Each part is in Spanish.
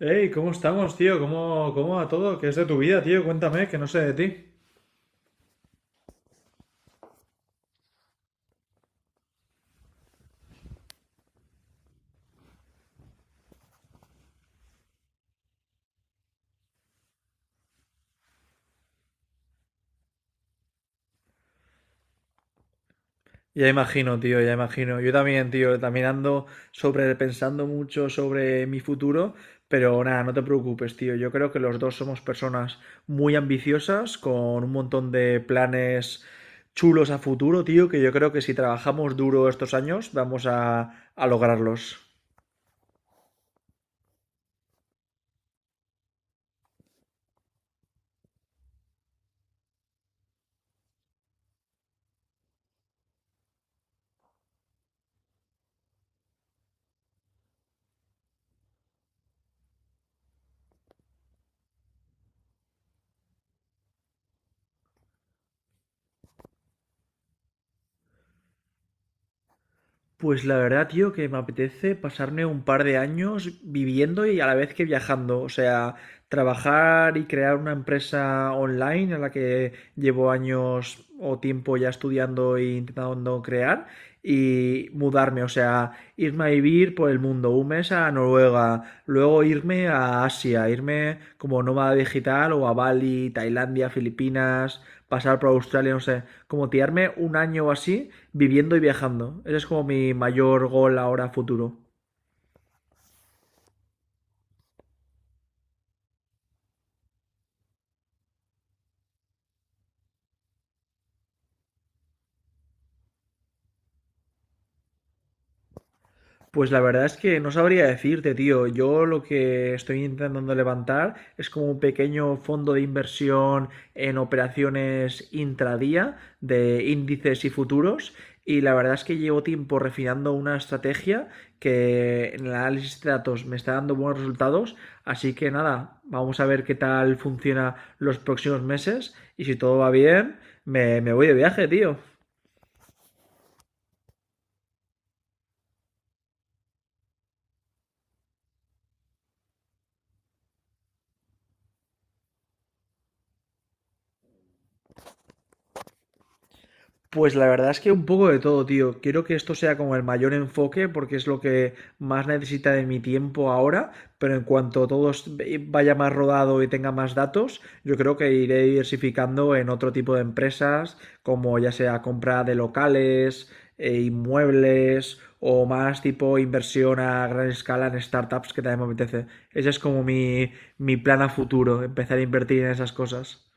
Hey, ¿cómo estamos, tío? ¿Cómo va todo? ¿Qué es de tu vida, tío? Cuéntame, que no sé de ti. Ya imagino, tío, ya imagino. Yo también, tío, también ando sobre pensando mucho sobre mi futuro, pero nada, no te preocupes, tío. Yo creo que los dos somos personas muy ambiciosas, con un montón de planes chulos a futuro, tío, que yo creo que si trabajamos duro estos años, vamos a lograrlos. Pues la verdad, tío, que me apetece pasarme un par de años viviendo y a la vez que viajando. O sea, trabajar y crear una empresa online a la que llevo años o tiempo ya estudiando e intentando crear y mudarme, o sea, irme a vivir por el mundo, un mes a Noruega, luego irme a Asia, irme como nómada digital o a Bali, Tailandia, Filipinas, pasar por Australia, no sé, como tirarme un año o así viviendo y viajando. Ese es como mi mayor gol ahora futuro. Pues la verdad es que no sabría decirte, tío. Yo lo que estoy intentando levantar es como un pequeño fondo de inversión en operaciones intradía de índices y futuros. Y la verdad es que llevo tiempo refinando una estrategia que en el análisis de datos me está dando buenos resultados. Así que nada, vamos a ver qué tal funciona los próximos meses. Y si todo va bien, me voy de viaje, tío. Pues la verdad es que un poco de todo, tío. Quiero que esto sea como el mayor enfoque porque es lo que más necesita de mi tiempo ahora, pero en cuanto vaya más rodado y tenga más datos, yo creo que iré diversificando en otro tipo de empresas, como ya sea compra de locales, inmuebles o más tipo inversión a gran escala en startups que también me apetece. Ese es como mi plan a futuro, empezar a invertir en esas cosas.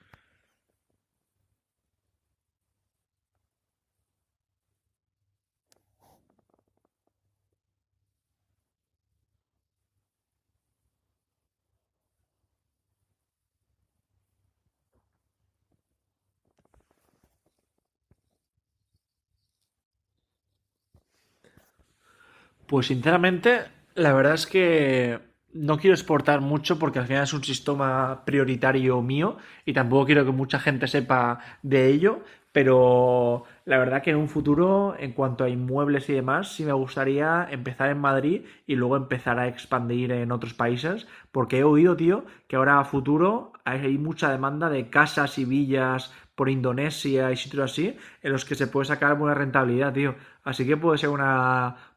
Pues sinceramente, la verdad es que no quiero exportar mucho porque al final es un sistema prioritario mío y tampoco quiero que mucha gente sepa de ello, pero la verdad que en un futuro, en cuanto a inmuebles y demás, sí me gustaría empezar en Madrid y luego empezar a expandir en otros países, porque he oído, tío, que ahora a futuro hay mucha demanda de casas y villas por Indonesia y sitios así, en los que se puede sacar buena rentabilidad, tío. Así que puede ser una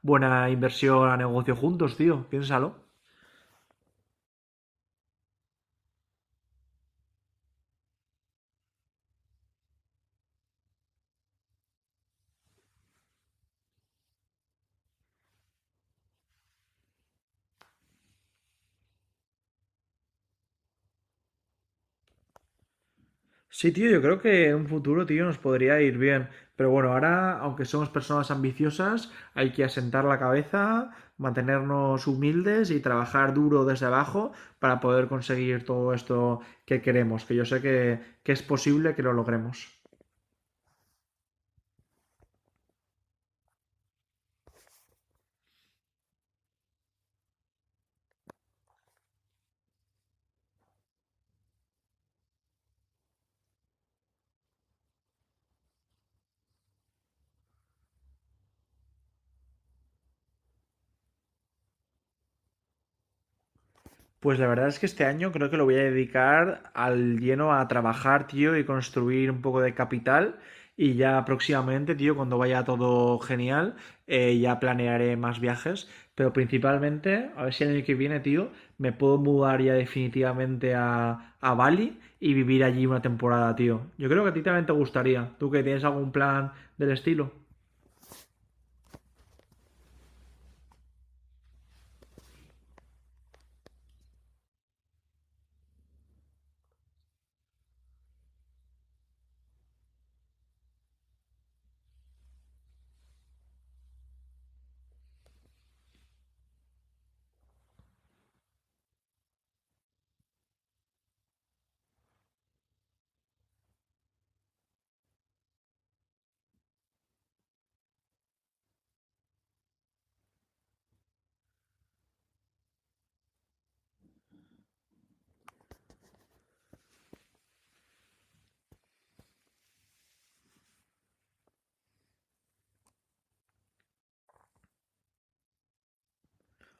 buena inversión a negocio juntos, tío. Piénsalo. Sí, tío, yo creo que en un futuro, tío, nos podría ir bien. Pero bueno, ahora, aunque somos personas ambiciosas, hay que asentar la cabeza, mantenernos humildes y trabajar duro desde abajo para poder conseguir todo esto que queremos, que yo sé que es posible que lo logremos. Pues la verdad es que este año creo que lo voy a dedicar al lleno a trabajar, tío, y construir un poco de capital. Y ya próximamente, tío, cuando vaya todo genial, ya planearé más viajes. Pero principalmente, a ver si el año que viene, tío, me puedo mudar ya definitivamente a Bali y vivir allí una temporada, tío. Yo creo que a ti también te gustaría. ¿Tú que tienes algún plan del estilo?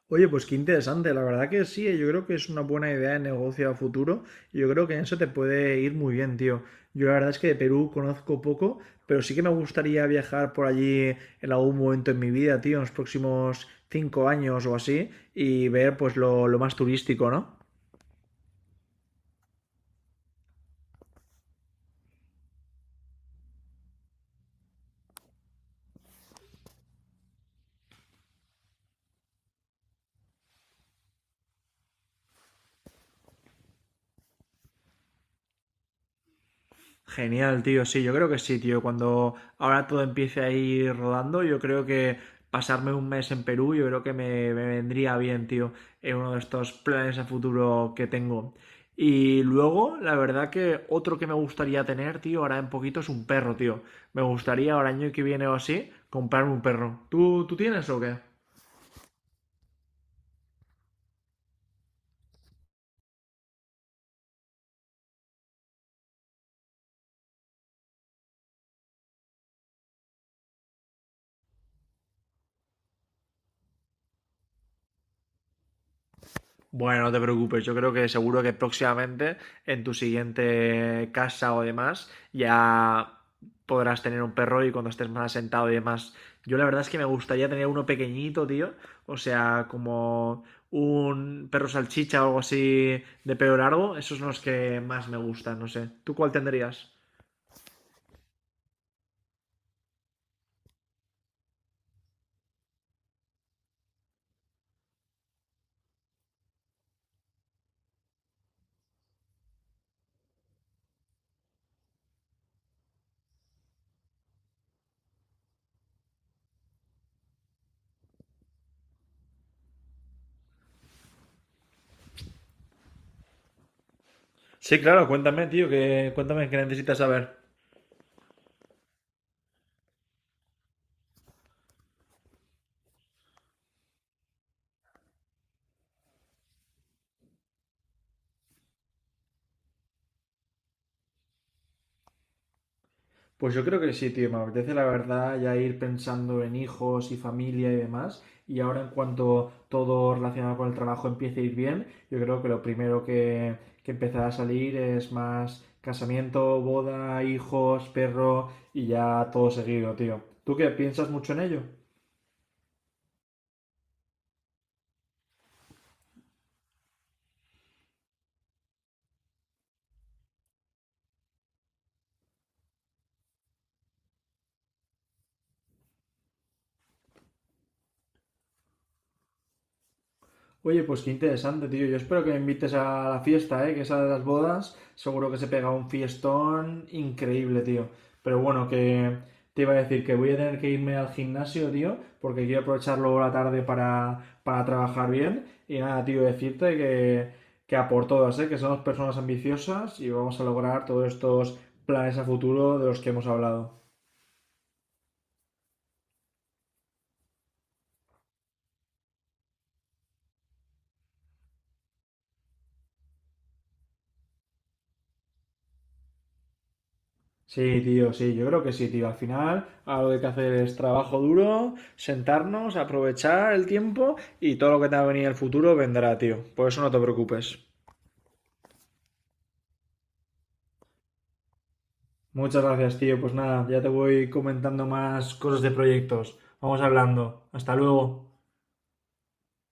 Oye, pues qué interesante, la verdad que sí, yo creo que es una buena idea de negocio a futuro y yo creo que en eso te puede ir muy bien, tío. Yo la verdad es que de Perú conozco poco, pero sí que me gustaría viajar por allí en algún momento en mi vida, tío, en los próximos cinco años o así y ver pues lo más turístico, ¿no? Genial, tío. Sí, yo creo que sí, tío. Cuando ahora todo empiece a ir rodando, yo creo que pasarme un mes en Perú, yo creo que me vendría bien, tío, en uno de estos planes a futuro que tengo. Y luego, la verdad que otro que me gustaría tener, tío, ahora en poquito es un perro, tío. Me gustaría ahora año que viene o así comprarme un perro. ¿Tú tienes o qué? Bueno, no te preocupes, yo creo que seguro que próximamente en tu siguiente casa o demás ya podrás tener un perro y cuando estés más asentado y demás. Yo la verdad es que me gustaría tener uno pequeñito, tío. O sea, como un perro salchicha o algo así de pelo largo. Esos son los que más me gustan, no sé. ¿Tú cuál tendrías? Sí, claro, cuéntame, tío, que cuéntame qué necesitas saber. Pues yo creo que sí, tío. Me apetece la verdad ya ir pensando en hijos y familia y demás. Y ahora en cuanto todo relacionado con el trabajo empiece a ir bien, yo creo que lo primero que empezará a salir es más casamiento, boda, hijos, perro y ya todo seguido, tío. ¿Tú qué piensas mucho en ello? Oye, pues qué interesante, tío. Yo espero que me invites a la fiesta, ¿eh? Que esa de las bodas, seguro que se pega un fiestón increíble, tío. Pero bueno, que te iba a decir que voy a tener que irme al gimnasio, tío, porque quiero aprovechar luego la tarde para trabajar bien. Y nada, tío, decirte que a por todas, ¿eh? Que somos personas ambiciosas y vamos a lograr todos estos planes a futuro de los que hemos hablado. Sí, tío, sí, yo creo que sí, tío. Al final, algo que hay que hacer es trabajo duro, sentarnos, aprovechar el tiempo y todo lo que te va a venir en el futuro vendrá, tío. Por eso no te preocupes. Muchas gracias, tío. Pues nada, ya te voy comentando más cosas de proyectos. Vamos hablando. Hasta luego.